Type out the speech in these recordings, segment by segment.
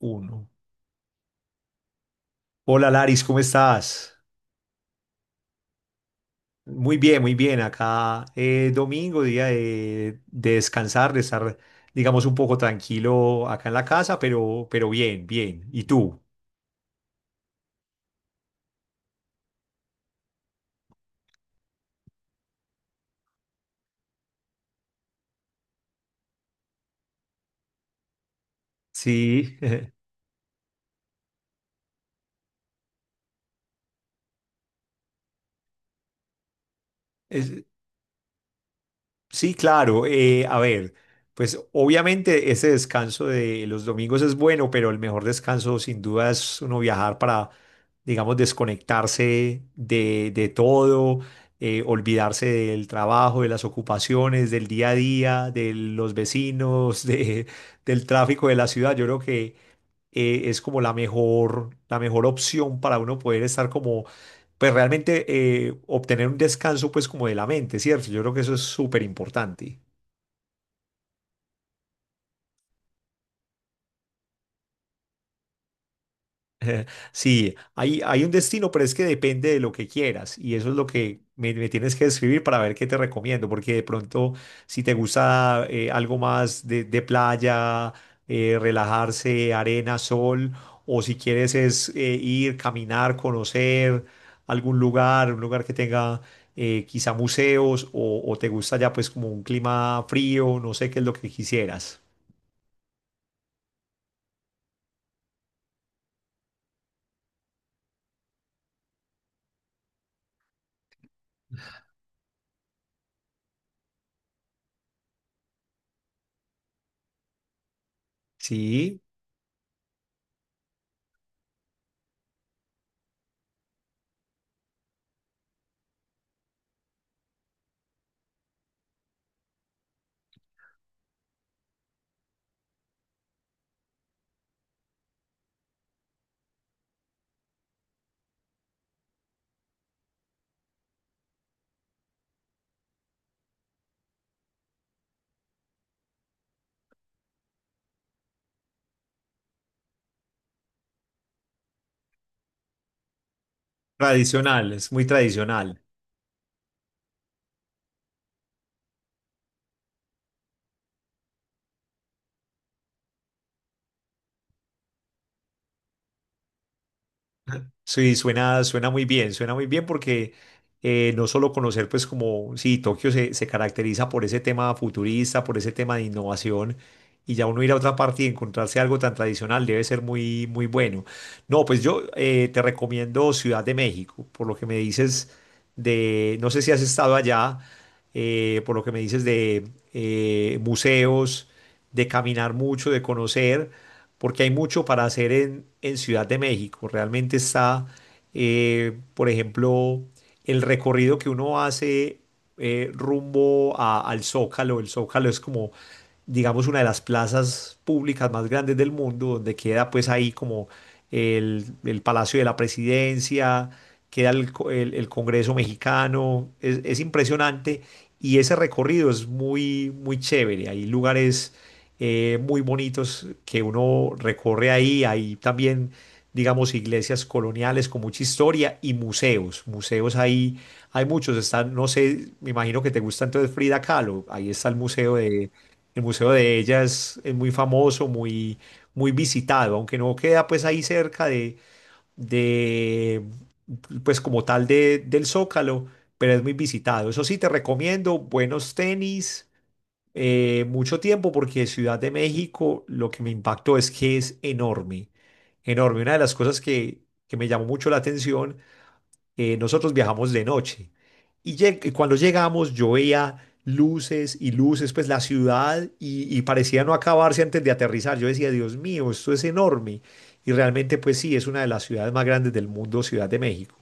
Uno. Hola Laris, ¿cómo estás? Muy bien, muy bien. Acá domingo, día de descansar, de estar, digamos, un poco tranquilo acá en la casa, pero bien, bien. ¿Y tú? Sí, es- sí, claro. A ver, pues obviamente ese descanso de los domingos es bueno, pero el mejor descanso sin duda es uno viajar para digamos, desconectarse de todo, olvidarse del trabajo, de las ocupaciones, del día a día, de los vecinos, del tráfico de la ciudad. Yo creo que es como la mejor opción para uno poder estar como, pues realmente obtener un descanso pues como de la mente, ¿cierto? Yo creo que eso es súper importante. Sí, hay un destino, pero es que depende de lo que quieras. Y eso es lo que me tienes que escribir para ver qué te recomiendo. Porque de pronto, si te gusta algo más de playa, relajarse, arena, sol, o si quieres es ir, caminar, conocer algún lugar, un lugar que tenga quizá museos, o te gusta ya pues como un clima frío, no sé qué es lo que quisieras. Sí, tradicional, es muy tradicional. Sí, suena muy bien porque no solo conocer, pues como, sí, Tokio se caracteriza por ese tema futurista, por ese tema de innovación, y ya uno ir a otra parte y encontrarse algo tan tradicional debe ser muy, muy bueno. No, pues yo te recomiendo Ciudad de México, por lo que me dices de, no sé si has estado allá, por lo que me dices de museos, de caminar mucho, de conocer porque hay mucho para hacer en Ciudad de México. Realmente está, por ejemplo, el recorrido que uno hace rumbo al Zócalo. El Zócalo es como, digamos, una de las plazas públicas más grandes del mundo, donde queda pues ahí como el Palacio de la Presidencia, queda el Congreso Mexicano. Es impresionante y ese recorrido es muy, muy chévere. Hay lugares muy bonitos que uno recorre ahí. Hay también, digamos, iglesias coloniales con mucha historia y museos. Museos ahí hay muchos. Están, no sé, me imagino que te gusta entonces Frida Kahlo. Ahí está el museo de ella es muy famoso, muy, muy visitado, aunque no queda pues ahí cerca de pues como tal del Zócalo, pero es muy visitado. Eso sí, te recomiendo buenos tenis mucho tiempo porque Ciudad de México lo que me impactó es que es enorme, enorme. Una de las cosas que me llamó mucho la atención, nosotros viajamos de noche y, y cuando llegamos yo veía luces y luces, pues la ciudad y parecía no acabarse antes de aterrizar. Yo decía, Dios mío, esto es enorme. Y realmente pues sí, es una de las ciudades más grandes del mundo, Ciudad de México.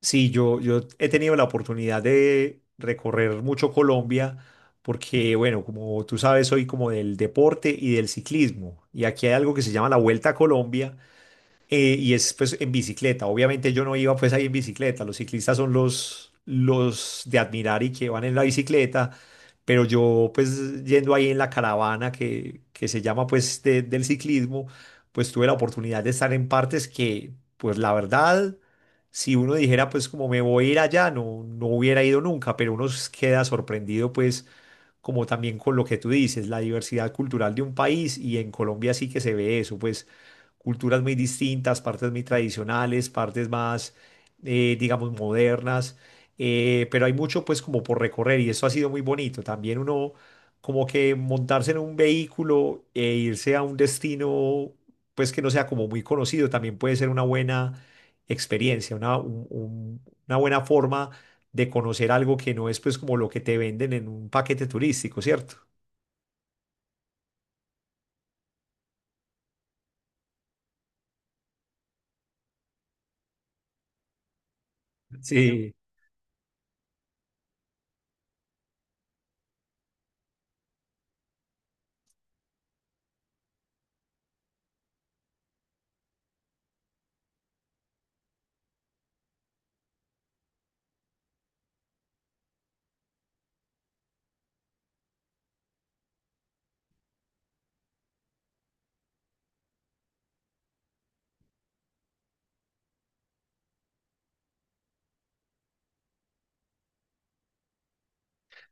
Sí, yo he tenido la oportunidad de recorrer mucho Colombia porque, bueno, como tú sabes, soy como del deporte y del ciclismo. Y aquí hay algo que se llama la Vuelta a Colombia, y es pues en bicicleta. Obviamente yo no iba pues ahí en bicicleta. Los ciclistas son los de admirar y que van en la bicicleta. Pero yo pues yendo ahí en la caravana que se llama pues del ciclismo, pues tuve la oportunidad de estar en partes que pues la verdad, si uno dijera pues como me voy a ir allá, no, no hubiera ido nunca. Pero uno queda sorprendido pues como también con lo que tú dices, la diversidad cultural de un país y en Colombia sí que se ve eso pues culturas muy distintas, partes muy tradicionales, partes más, digamos, modernas, pero hay mucho pues como por recorrer y eso ha sido muy bonito. También uno como que montarse en un vehículo e irse a un destino pues que no sea como muy conocido también puede ser una buena experiencia, una buena forma de conocer algo que no es pues como lo que te venden en un paquete turístico, ¿cierto? Sí,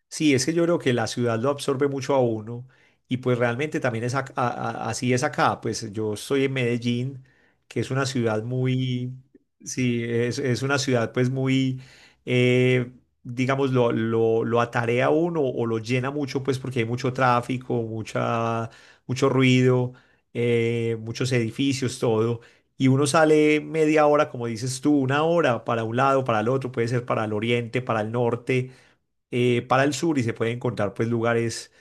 sí, es que yo creo que la ciudad lo absorbe mucho a uno y pues realmente también es así es acá. Pues yo estoy en Medellín, que es una ciudad muy, sí, es una ciudad pues muy, eh, digamos, lo atarea a uno o lo llena mucho pues porque hay mucho tráfico, mucha, mucho ruido, muchos edificios, todo. Y uno sale media hora, como dices tú, una hora para un lado, para el otro, puede ser para el oriente, para el norte para el sur y se puede encontrar pues lugares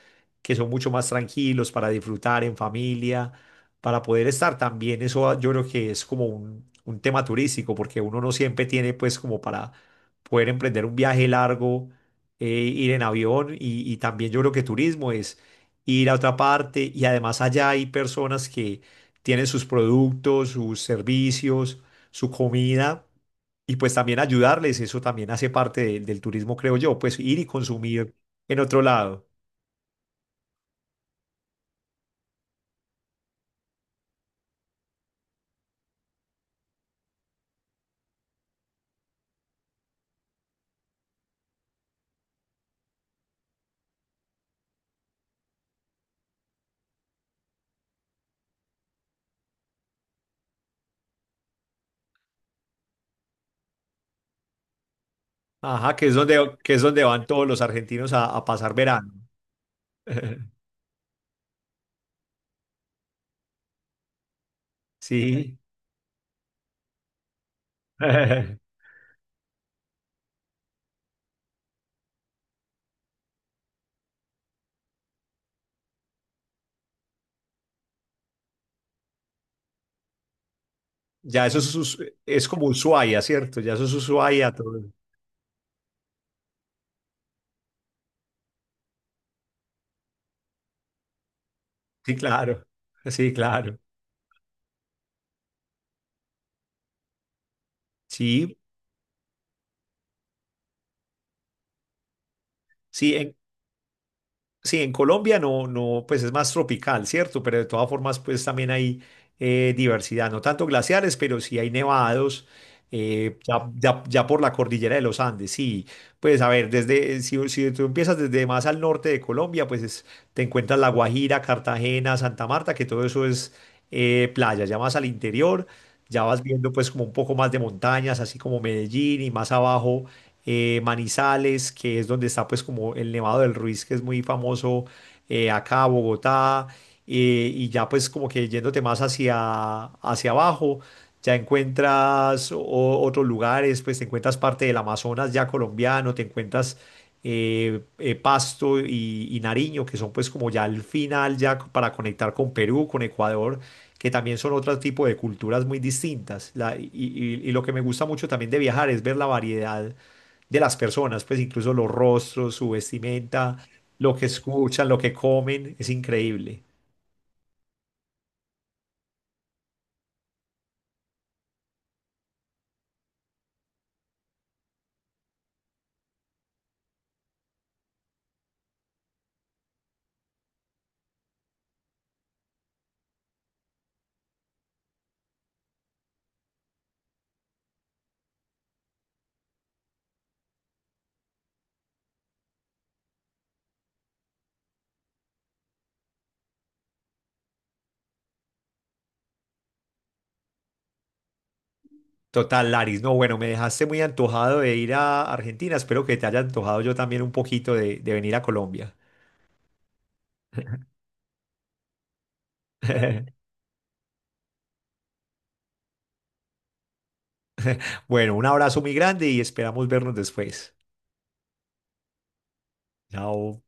que son mucho más tranquilos para disfrutar en familia, para poder estar también. Eso yo creo que es como un tema turístico porque uno no siempre tiene pues como para poder emprender un viaje largo, ir en avión y también yo creo que turismo es ir a otra parte y además allá hay personas que tienen sus productos, sus servicios, su comida y pues también ayudarles, eso también hace parte del turismo, creo yo, pues ir y consumir en otro lado. Ajá, que es donde van todos los argentinos a pasar verano. Sí. Ya eso es como Ushuaia, ¿cierto? Ya eso es Ushuaia todo. Sí, claro. Sí, claro. Sí, sí, en sí, en Colombia no, no, pues es más tropical, ¿cierto? Pero de todas formas, pues también hay diversidad, no tanto glaciares, pero sí hay nevados, ya por la cordillera de los Andes, sí. Pues a ver, desde, si, si tú empiezas desde más al norte de Colombia, te encuentras La Guajira, Cartagena, Santa Marta, que todo eso es playa, ya más al interior, ya vas viendo pues como un poco más de montañas, así como Medellín y más abajo Manizales, que es donde está pues como el Nevado del Ruiz, que es muy famoso acá, Bogotá, y ya pues como que yéndote más hacia, hacia abajo, ya encuentras otros lugares, pues te encuentras parte del Amazonas ya colombiano, te encuentras Pasto y Nariño, que son pues como ya el final, para conectar con Perú, con Ecuador que también son otro tipo de culturas muy distintas. Y lo que me gusta mucho también de viajar es ver la variedad de las personas, pues incluso los rostros, su vestimenta, lo que escuchan, lo que comen, es increíble. Total, Laris, no, bueno, me dejaste muy antojado de ir a Argentina, espero que te haya antojado yo también un poquito de venir a Colombia. Bueno, un abrazo muy grande y esperamos vernos después. Chao.